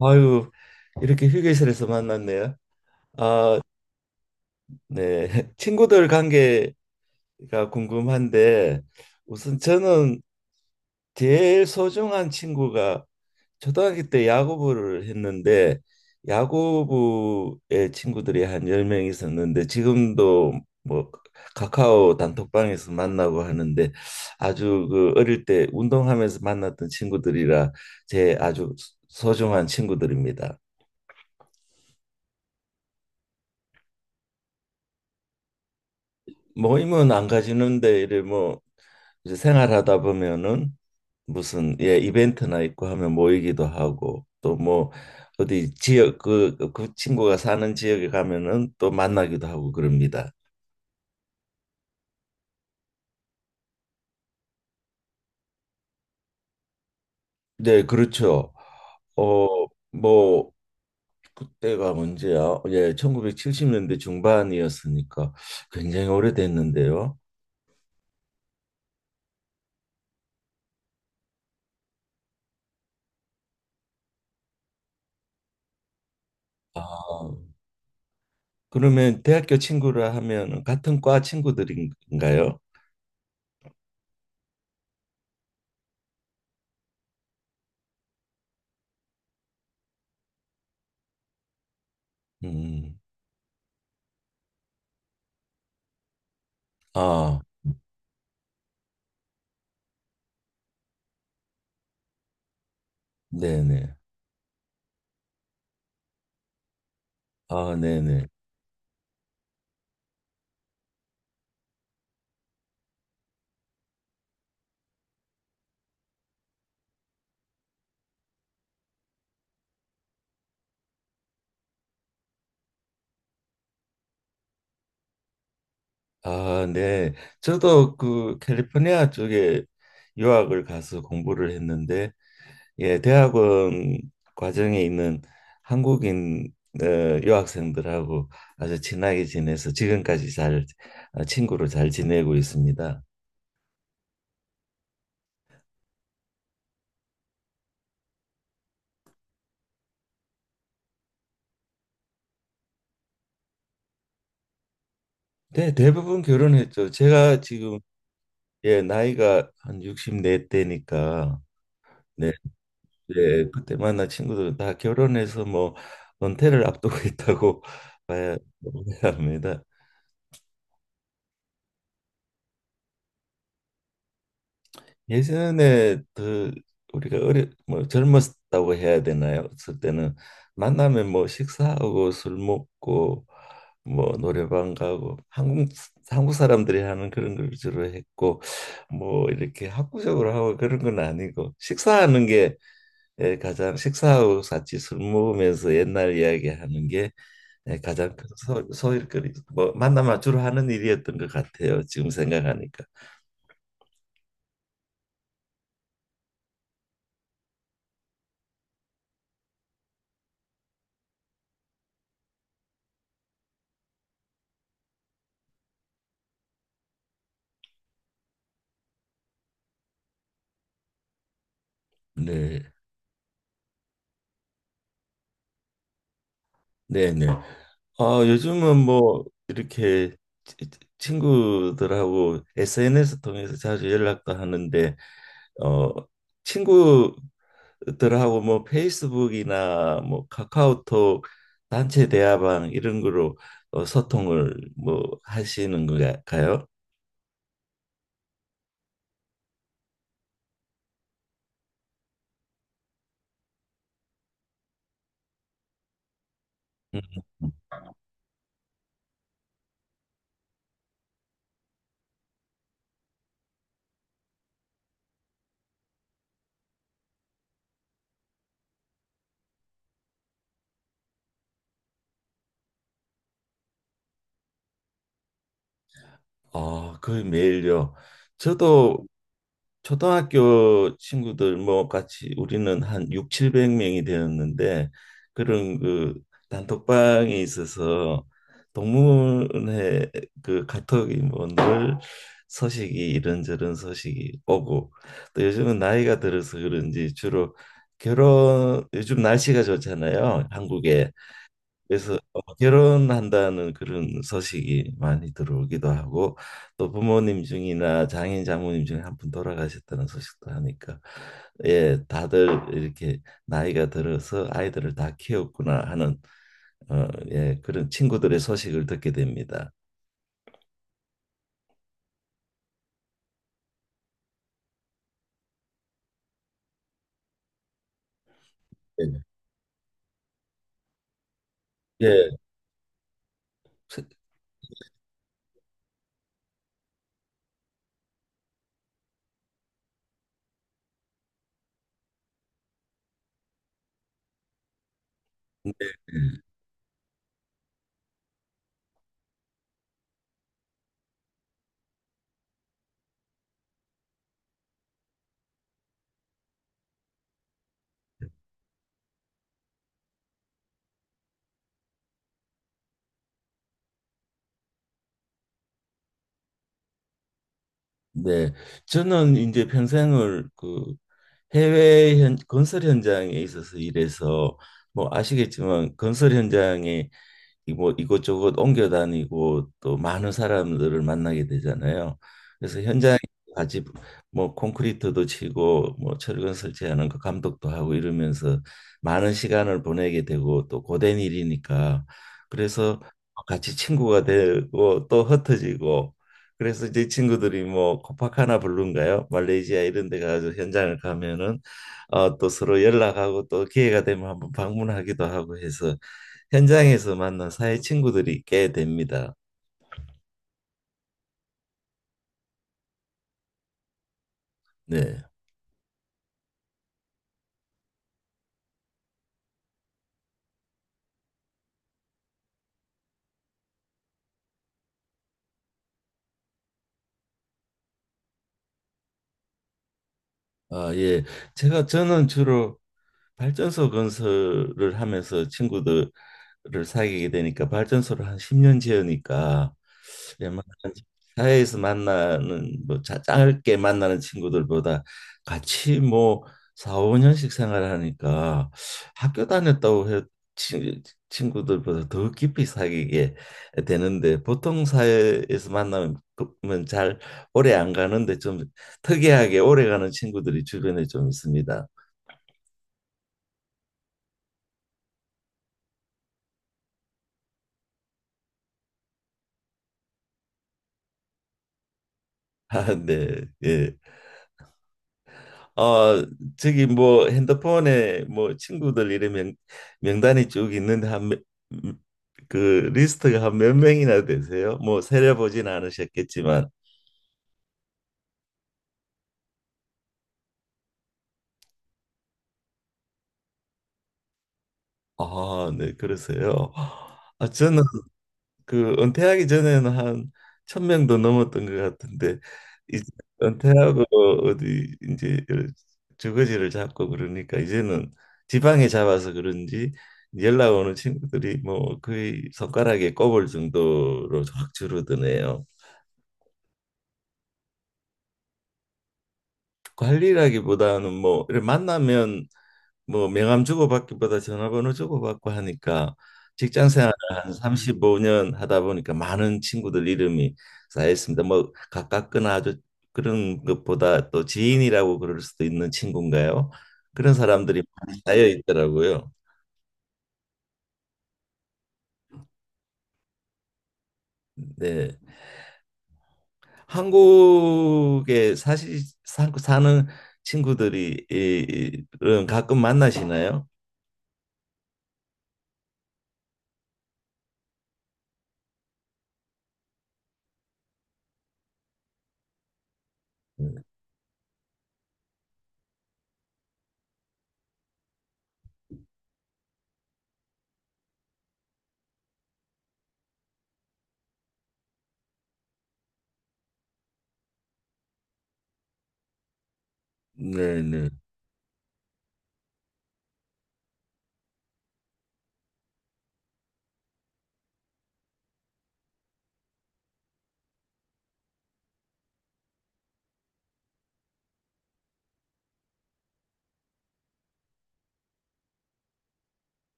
아유, 이렇게 휴게실에서 만났네요. 아, 네. 친구들 관계가 궁금한데, 우선 저는 제일 소중한 친구가 초등학교 때 야구부를 했는데, 야구부의 친구들이 한 10명 있었는데, 지금도 뭐 카카오 단톡방에서 만나고 하는데, 아주 그 어릴 때 운동하면서 만났던 친구들이라 제 아주 소중한 친구들입니다. 모임은 안 가지는데 이래 뭐 이제 생활하다 보면은 무슨 예 이벤트나 있고 하면 모이기도 하고 또 뭐 어디 지역 그 친구가 사는 지역에 가면은 또 만나기도 하고 그럽니다. 네, 그렇죠. 어 뭐 그때가 언제야? 예, 1970년대 중반이었으니까 굉장히 오래됐는데요. 아, 그러면 대학교 친구라 하면 같은 과 친구들인가요? 음. 아, 네네. 아, 네네. 아, 네. 저도 그 캘리포니아 쪽에 유학을 가서 공부를 했는데, 예, 대학원 과정에 있는 한국인 어, 유학생들하고 아주 친하게 지내서 지금까지 잘 친구로 잘 지내고 있습니다. 네, 대부분 결혼했죠. 제가 지금 예, 나이가 한 64대니까 예, 그때 만난 친구들은 다 결혼해서 뭐 은퇴를 앞두고 있다고 봐야, 봐야 합니다. 예전에 그 우리가 어려 뭐 젊었다고 해야 되나요? 그 때는 만나면 뭐 식사하고 술 먹고 뭐 노래방 가고 한국 사람들이 하는 그런 걸 주로 했고 뭐 이렇게 학구적으로 하고 그런 건 아니고 식사하는 게 예, 가장 식사하고 같이 술 먹으면서 옛날 이야기하는 게 예, 가장 큰 소일거리 뭐 만나면 주로 하는 일이었던 것 같아요. 지금 생각하니까. 네, 네, 네. 아, 요즘은 뭐 이렇게 치- 친구들하고 SNS 통해서 자주 연락도 하는데 어 친구들하고 뭐 페이스북이나 뭐 카카오톡 단체 대화방 이런 거로 소통을 뭐 하시는 건가요? 음, 음. 아, 거의 매일요. 저도 초등학교 친구들 뭐 같이 우리는 한 6, 700명이 되었는데 그런 그 단톡방에 있어서 동문회 그 카톡이 뭐 늘 소식이 이런저런 소식이 오고 또 요즘은 나이가 들어서 그런지 주로 결혼 요즘 날씨가 좋잖아요. 한국에. 그래서 결혼한다는 그런 소식이 많이 들어오기도 하고 또 부모님 중이나 장인 장모님 중에 한 분 돌아가셨다는 소식도 하니까 예 다들 이렇게 나이가 들어서 아이들을 다 키웠구나 하는 예 그런 친구들의 소식을 듣게 됩니다. 네네. 예, 세- 네. 저는 이제 평생을 그 해외 건설 현장에 있어서 일해서 뭐 아시겠지만 건설 현장에 뭐 이곳저곳 옮겨 다니고 또 많은 사람들을 만나게 되잖아요. 그래서 현장에 같이 뭐 콘크리트도 치고 뭐 철근 설치하는 그 감독도 하고 이러면서 많은 시간을 보내게 되고 또 고된 일이니까 그래서 같이 친구가 되고 또 흩어지고 그래서 이제 친구들이 뭐 코파카나 블루인가요? 말레이시아 이런 데 가서 현장을 가면은 또 서로 연락하고 또 기회가 되면 한번 방문하기도 하고 해서 현장에서 만난 사회 친구들이 꽤 됩니다. 네. 아, 예. 제가 저는 주로 발전소 건설을 하면서 친구들을 사귀게 되니까 발전소를 한 10년 지으니까 웬만한 사회에서 만나는 뭐 짧게 만나는 친구들보다 같이 뭐 4, 5년씩 생활하니까 학교 다녔다고 해 친- 친구들보다 더 깊이 사귀게 되는데 보통 사회에서 만나면 잘 오래 안 가는데 좀 특이하게 오래 가는 친구들이 주변에 좀 있습니다. 아, 네. 예. 어, 저기 뭐 핸드폰에 뭐 친구들 이름 명단이 쭉 있는데 한그 리스트가 한 몇 명이나 되세요? 뭐 세려보진 않으셨겠지만 아, 네. 그러세요. 아, 저는 그 은퇴하기 전에는 한 천 명도 넘었던 것 같은데 이제 은퇴하고 어디 이제 주거지를 잡고 그러니까 이제는 지방에 잡아서 그런지 연락 오는 친구들이 뭐 거의 손가락에 꼽을 정도로 확 줄어드네요. 관리라기보다는 뭐 이렇게 만나면 뭐 명함 주고받기보다 전화번호 주고받고 하니까 직장 생활을 한 35년 하다 보니까 많은 친구들 이름이 쌓였습니다. 뭐 가깝거나 아주 그런 것보다 또 지인이라고 그럴 수도 있는 친구인가요? 그런 사람들이 많이 쌓여 있더라고요. 네. 한국에 사실 사는 친구들이 이런 가끔 만나시나요? 네, 네.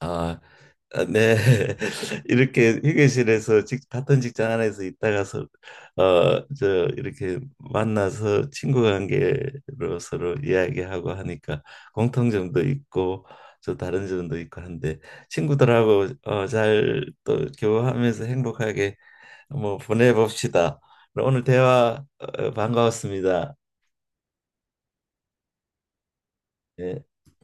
아, 아, 네. 이렇게 휴게실에서 같은 직장 안에서 있다가서 저 이렇게 만나서 친구 관계로 서로 이야기하고 하니까 공통점도 있고 저 다른 점도 있고 한데 친구들하고 잘 또 교류하면서 행복하게 뭐 보내봅시다. 오늘 대화 반가웠습니다. 예.